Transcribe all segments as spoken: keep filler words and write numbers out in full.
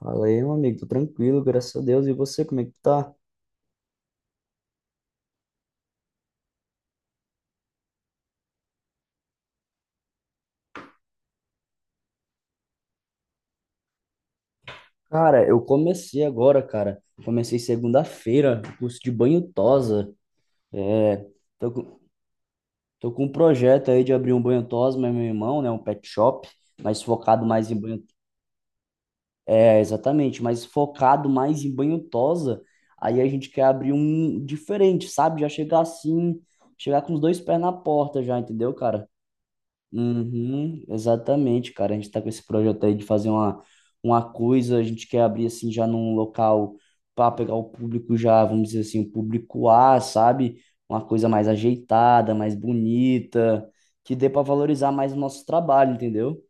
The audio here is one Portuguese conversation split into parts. Fala aí, meu amigo, tô tranquilo, graças a Deus. E você, como é que tá? Cara, eu comecei agora, cara. Comecei segunda-feira, curso de banho tosa. É, tô, com- tô com um projeto aí de abrir um banho tosa, mas meu irmão, né? Um pet shop, mas focado mais em banho. É, exatamente, mas focado mais em banho tosa. Aí a gente quer abrir um diferente, sabe? Já chegar assim, chegar com os dois pés na porta já, entendeu, cara? Uhum, exatamente, cara. A gente tá com esse projeto aí de fazer uma, uma coisa, a gente quer abrir assim já num local para pegar o público já, vamos dizer assim, o público A, sabe? Uma coisa mais ajeitada, mais bonita, que dê para valorizar mais o nosso trabalho, entendeu?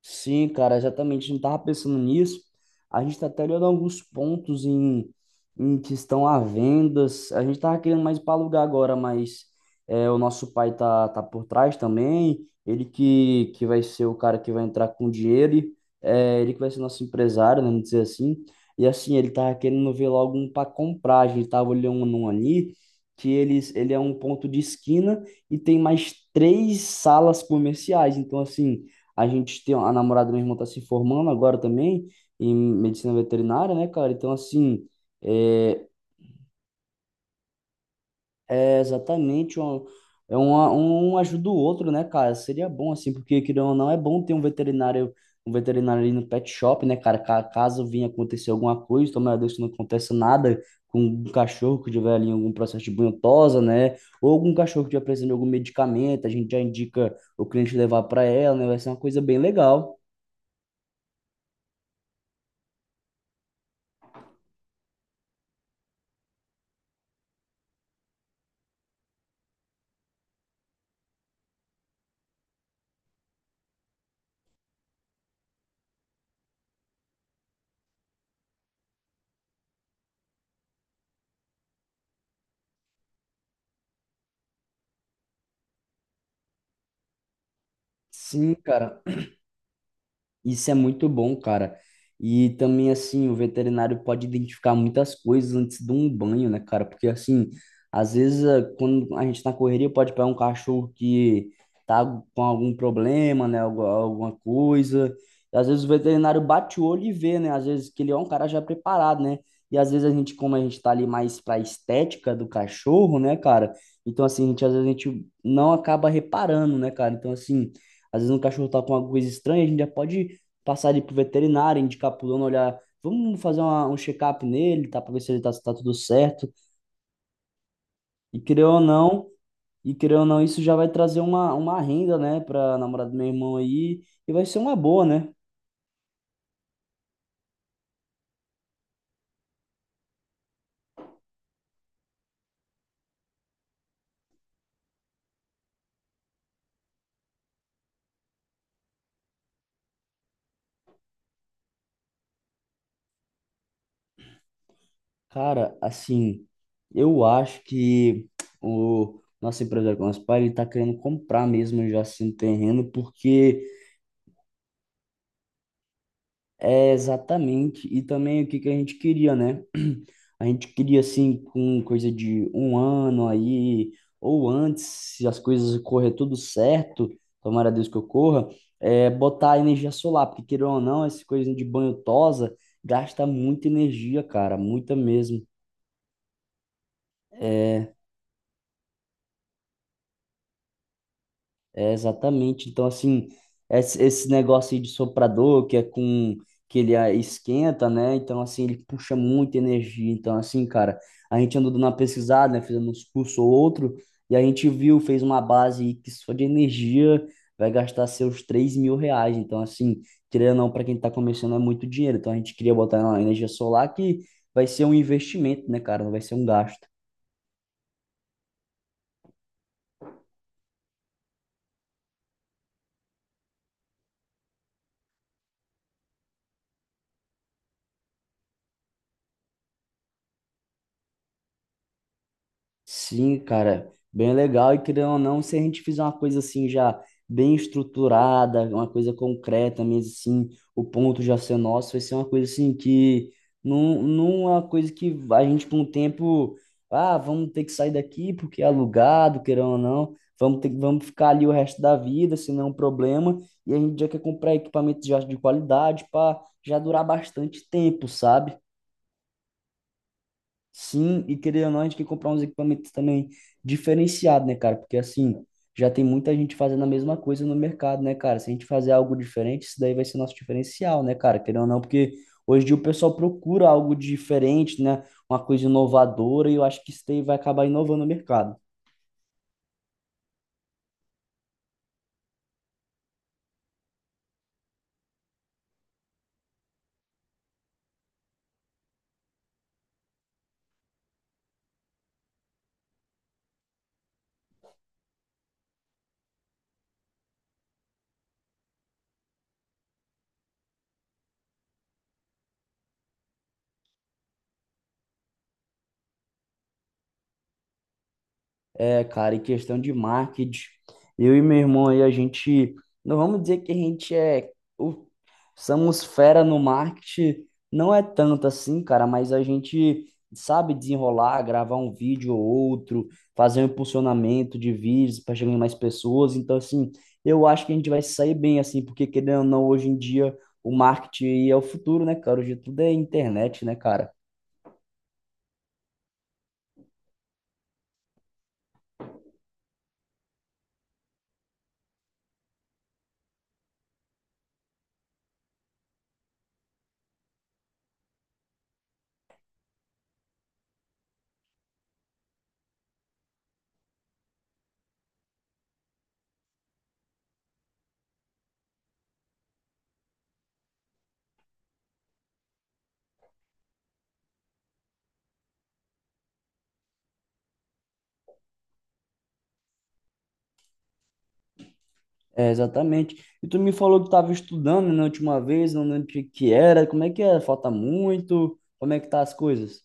Sim, cara, exatamente. A gente estava pensando nisso. A gente está até olhando alguns pontos em, em que estão à vendas. A gente estava querendo mais para alugar agora, mas é, o nosso pai tá, tá por trás também. Ele que, que vai ser o cara que vai entrar com o dinheiro. e, É, ele que vai ser nosso empresário, né, vamos dizer assim. E assim, ele estava querendo ver logo um para comprar. A gente estava olhando um ali que eles, ele é um ponto de esquina e tem mais três salas comerciais. Então, assim. A gente tem a namorada do meu irmão tá se formando agora também em medicina veterinária, né, cara? Então, assim, é, é exatamente um, é uma, um ajuda o outro, né, cara? Seria bom, assim, porque, querendo ou não, é bom ter um veterinário, um veterinário ali no pet shop, né, cara? Ca- Caso vinha acontecer alguma coisa, tomara a Deus que não aconteça nada com um cachorro que tiver ali algum processo de bunhosa, né? Ou algum cachorro que tiver precisando de algum medicamento, a gente já indica o cliente levar para ela, né? Vai ser uma coisa bem legal. Sim, cara. Isso é muito bom, cara. E também, assim, o veterinário pode identificar muitas coisas antes de um banho, né, cara? Porque, assim, às vezes, eh, quando a gente tá na correria, pode pegar um cachorro que tá com algum problema, né, algu- alguma coisa. E, às vezes, o veterinário bate o olho e vê, né? Às vezes, que ele é um cara já preparado, né? E, às vezes, a gente, como a gente tá ali mais pra estética do cachorro, né, cara? Então, assim, a gente, às vezes, a gente não acaba reparando, né, cara? Então, assim, às vezes, um cachorro tá com alguma coisa estranha, a gente já pode passar ele pro veterinário, indicar pro dono, olhar, vamos fazer uma- um check-up nele, tá? Para ver se ele tá, se tá tudo certo. E querendo ou não, e querendo ou não, isso já vai trazer uma, uma renda, né, pra namorada do meu irmão aí, e vai ser uma boa, né? Cara, assim, eu acho que o nosso empresário nosso pai, ele tá querendo comprar mesmo já assim um terreno, porque. É, exatamente. E também o que que a gente queria, né? A gente queria, assim, com coisa de um ano aí, ou antes, se as coisas correr tudo certo, tomara a Deus que ocorra, é, botar energia solar, porque queira ou não, essa coisa de banho tosa gasta muita energia, cara, muita mesmo. É, É, exatamente. Então, assim, esse, esse negócio aí de soprador, que é com, que ele ah, esquenta, né? Então, assim, ele puxa muita energia. Então, assim, cara, a gente andou dando uma pesquisada, né? Fizendo uns cursos ou outro, e a gente viu, fez uma base aí que só de energia vai gastar seus três mil reais. Então, assim, querendo ou não, para quem tá começando é muito dinheiro. Então, a gente queria botar na energia solar que vai ser um investimento, né, cara? Não vai ser um gasto. Sim, cara, bem legal. E querendo ou não, se a gente fizer uma coisa assim já bem estruturada, uma coisa concreta mesmo assim, o ponto já ser nosso, vai ser uma coisa assim que não, não é uma coisa que a gente por um tempo, ah, vamos ter que sair daqui porque é alugado, querendo ou não, vamos ter, vamos ficar ali o resto da vida, se não é um problema. E a gente já quer comprar equipamento já de qualidade para já durar bastante tempo, sabe? Sim, e querendo ou não, a gente tem que comprar uns equipamentos também diferenciados, né, cara? Porque assim, já tem muita gente fazendo a mesma coisa no mercado, né, cara? Se a gente fazer algo diferente, isso daí vai ser nosso diferencial, né, cara? Querendo ou não, porque hoje em dia o pessoal procura algo diferente, né? Uma coisa inovadora, e eu acho que isso daí vai acabar inovando o mercado. É, cara, e questão de marketing, eu e meu irmão aí, a gente, não vamos dizer que a gente é, o- somos fera no marketing, não é tanto assim, cara, mas a gente sabe desenrolar, gravar um vídeo ou outro, fazer um impulsionamento de vídeos para chegar em mais pessoas, então, assim, eu acho que a gente vai se sair bem, assim, porque querendo ou não, hoje em dia, o marketing aí é o futuro, né, cara? Hoje tudo é internet, né, cara? É, exatamente. E tu me falou que estava estudando né, na última vez, não lembro o que que era, como é que é? Falta muito? Como é que tá as coisas?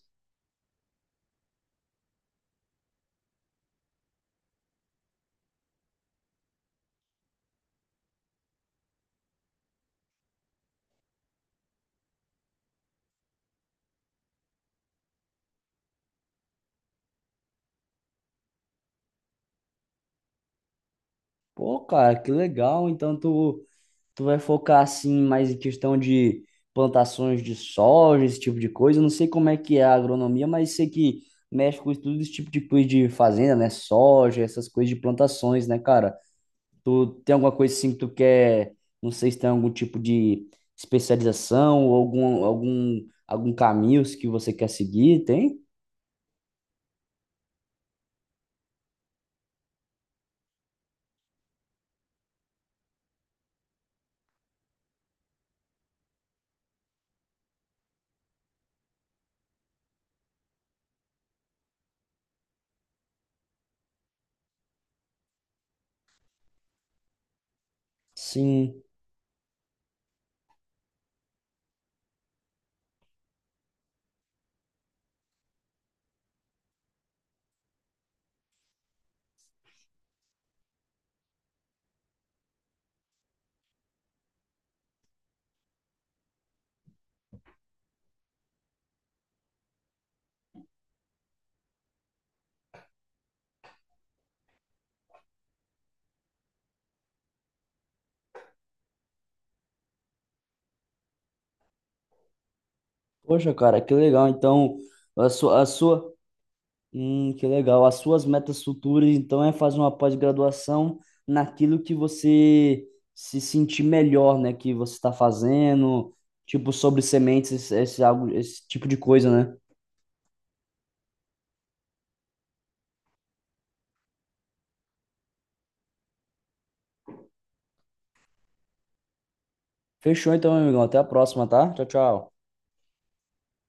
Pô, cara, que legal. Então tu, tu vai focar assim mais em questão de plantações de soja, esse tipo de coisa. Eu não sei como é que é a agronomia, mas sei que mexe com tudo esse tipo de coisa de fazenda, né? Soja, essas coisas de plantações, né, cara? Tu tem alguma coisa assim que tu quer, não sei se tem algum tipo de especialização ou algum, algum, algum caminho que você quer seguir, tem? Sim. Poxa, cara, que legal. Então, a sua, a sua, hum, que legal. As suas metas futuras, então, é fazer uma pós-graduação naquilo que você se sentir melhor, né? Que você está fazendo, tipo, sobre sementes, esse, esse, algo- esse tipo de coisa, né? Fechou então, meu amigão. Até a próxima, tá? Tchau, tchau.